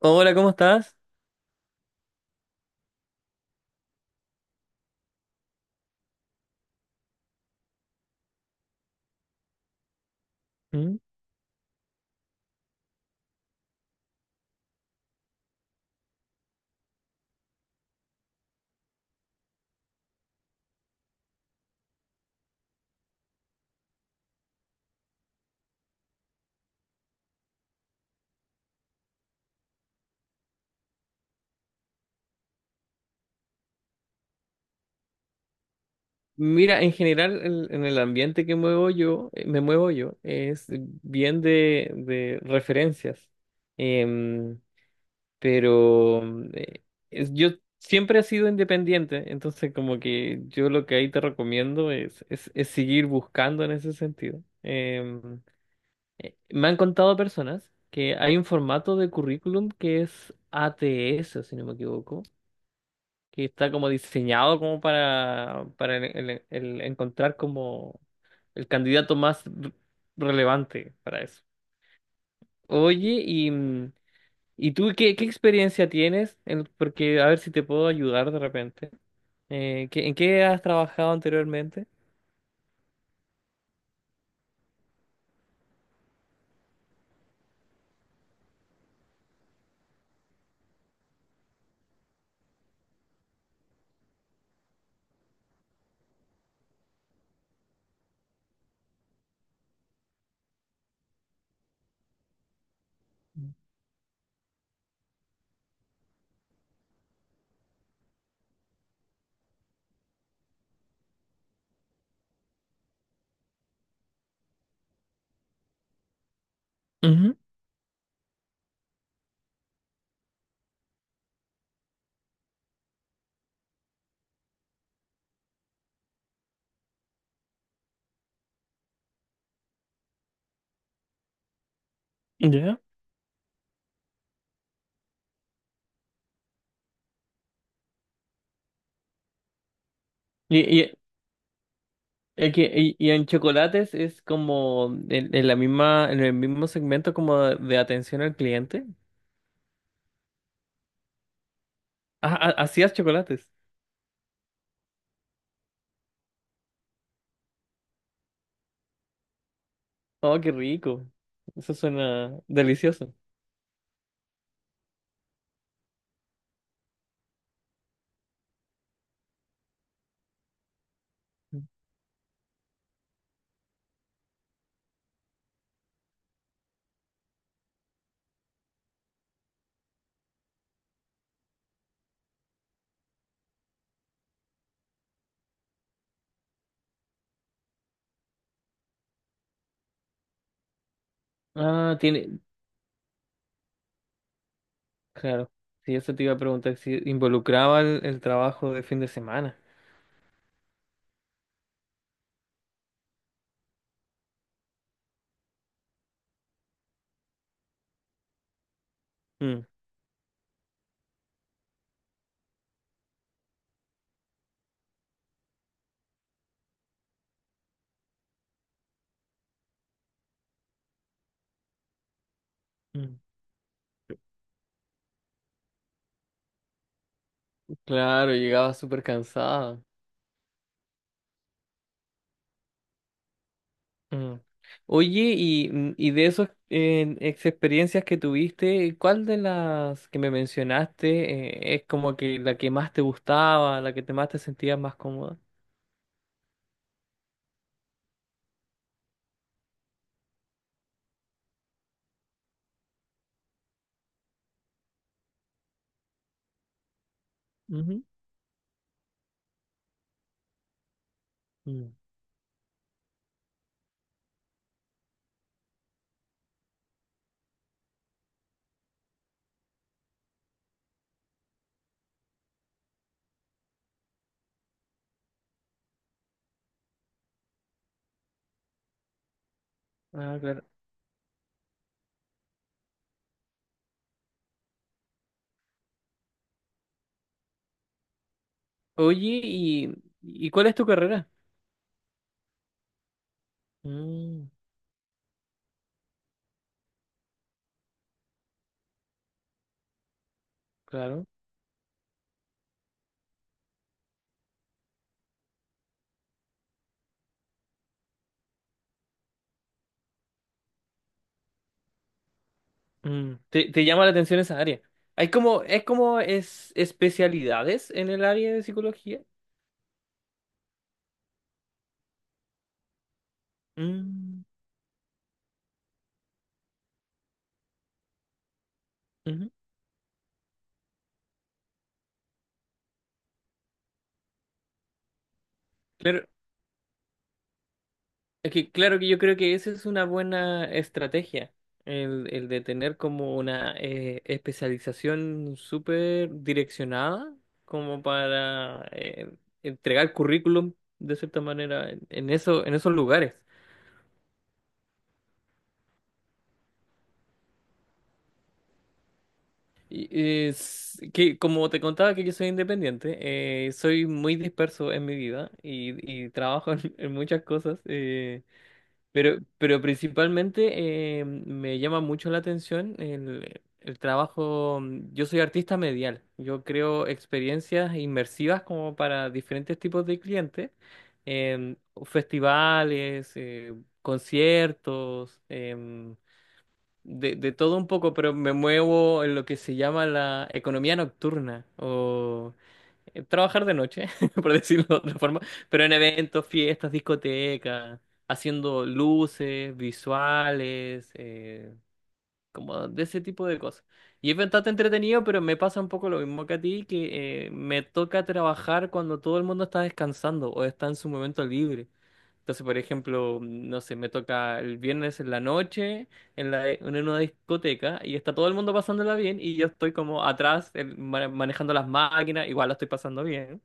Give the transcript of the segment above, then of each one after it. Hola, ¿cómo estás? ¿Mm? Mira, en general en el ambiente que muevo yo, me muevo yo, es bien de referencias. Em, pero eh, es- yo siempre he sido independiente, entonces como que yo lo que ahí te recomiendo es seguir buscando en ese sentido. Em, Me han contado personas que hay un formato de currículum que es ATS, si no me equivoco, que está como diseñado como para el encontrar como el candidato más relevante para eso. Oye, y, ¿y tú qué experiencia tienes? Porque a ver si te puedo ayudar de repente. ¿En qué has trabajado anteriormente? Ujú, ya. Y, y, y en chocolates es como en la misma, en el mismo segmento como de atención al cliente. Ah, ah, ¿hacías chocolates? Oh, qué rico. Eso suena delicioso. Ah, tiene, claro. Sí, eso te iba a preguntar si involucraba el trabajo de fin de semana. Mm, mm. Claro, llegaba súper cansada. Mm. Oye, y, y de esas ex experiencias que tuviste, ¿cuál de las que me mencionaste es como que la que más te gustaba, la que te más te sentías más cómoda? Ujú. Mm. Ah, claro. Oye, ¿y cuál es tu carrera? Mm, claro. Mm, te llama la atención esa área. Es como es especialidades en el área de psicología. Mm, ujú. Claro, claro que yo creo que esa es una buena estrategia, el de tener como una especialización súper direccionada, como para entregar currículum de cierta manera en eso, en esos lugares. Y, es que como te contaba que yo soy independiente, soy muy disperso en mi vida y trabajo en muchas cosas, pero principalmente me llama mucho la atención el trabajo. Yo soy artista medial, yo creo experiencias inmersivas como para diferentes tipos de clientes, em, festivales, conciertos. De todo un poco, pero me muevo en lo que se llama la economía nocturna o trabajar de noche, por decirlo de otra forma, pero en eventos, fiestas, discotecas, haciendo luces, visuales, como de ese tipo de cosas. Y es bastante entretenido, pero me pasa un poco lo mismo que a ti, que me toca trabajar cuando todo el mundo está descansando o está en su momento libre. Entonces, por ejemplo, no sé, me toca el viernes en la noche en una discoteca y está todo el mundo pasándola bien y yo estoy como atrás manejando las máquinas, igual la estoy pasando bien,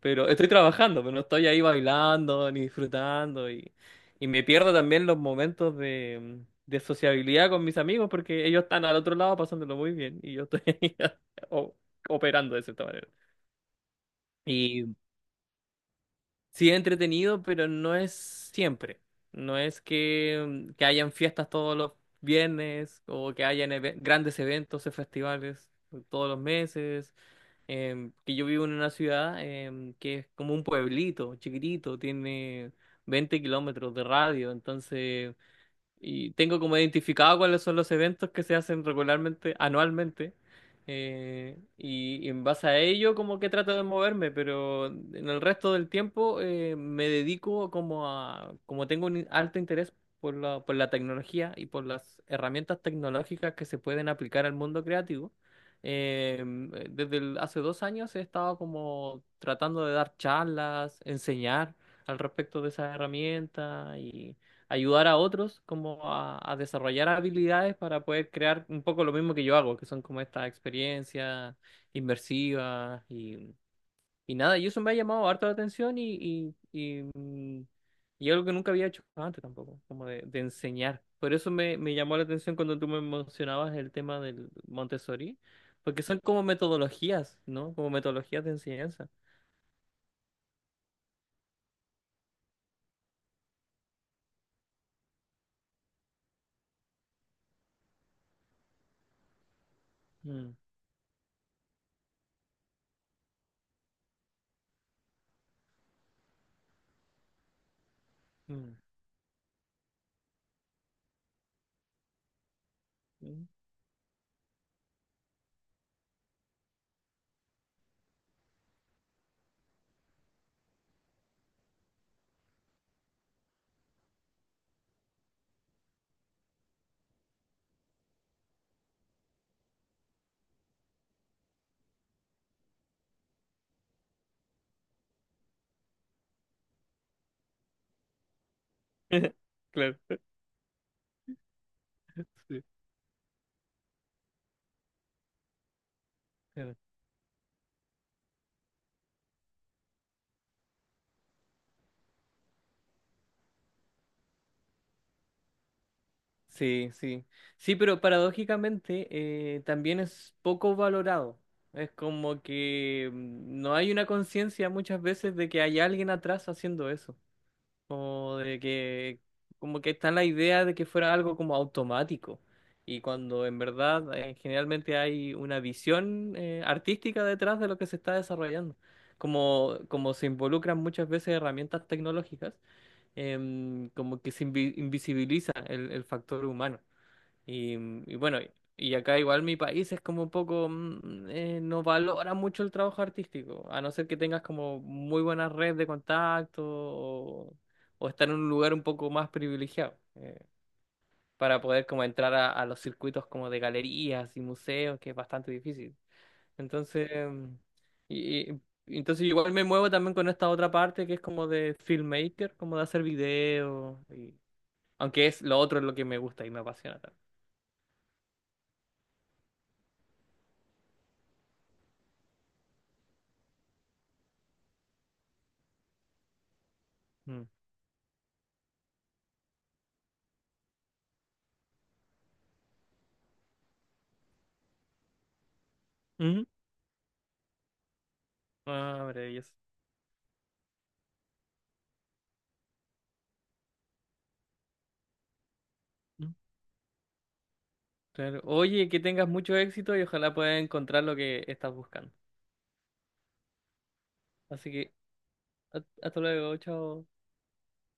pero estoy trabajando, pero no estoy ahí bailando ni disfrutando, y me pierdo también los momentos de sociabilidad con mis amigos porque ellos están al otro lado pasándolo muy bien y yo estoy ahí o- operando de cierta manera. Sí, es entretenido, pero no es siempre. No es que hayan fiestas todos los viernes o que hayan grandes eventos y festivales todos los meses. Que yo vivo en una ciudad que es como un pueblito chiquitito, tiene 20 kilómetros de radio. Entonces, y tengo como identificado cuáles son los eventos que se hacen regularmente, anualmente. Y, y en base a ello como que trato de moverme, pero en el resto del tiempo me dedico como a, como tengo un alto interés por por la tecnología y por las herramientas tecnológicas que se pueden aplicar al mundo creativo. eh, Hace 2 años he estado como tratando de dar charlas, enseñar al respecto de esas herramientas, ayudar a otros como a desarrollar habilidades para poder crear un poco lo mismo que yo hago, que son como estas experiencias inmersivas y nada, y eso me ha llamado harto la atención y algo que nunca había hecho antes tampoco, como de enseñar. Por eso me llamó la atención cuando tú me mencionabas el tema del Montessori, porque son como metodologías, ¿no? Como metodologías de enseñanza. Mm, mm, mm. Claro. Sí, claro. Sí, sí. Sí, pero paradójicamente también es poco valorado. Es como que no hay una conciencia muchas veces de que hay alguien atrás haciendo eso. O de que como que está la idea de que fuera algo como automático. Y cuando en verdad generalmente hay una visión artística detrás de lo que se está desarrollando. Como como se involucran muchas veces herramientas tecnológicas, como que se invisibiliza el factor humano. Y bueno, y acá igual mi país es como un poco, no valora mucho el trabajo artístico, a no ser que tengas como muy buena red de contacto o estar en un lugar un poco más privilegiado para poder como entrar a los circuitos como de galerías y museos, que es bastante difícil. Entonces, mm, y, y- entonces igual me muevo también con esta otra parte que es como de filmmaker, como de hacer videos, y, aunque es lo otro es lo que me gusta y me apasiona también. Mm. Ah, maravilloso. Mm. Claro. Oye, que tengas mucho éxito y ojalá puedas encontrar lo que estás buscando. Así que, hasta luego, chao.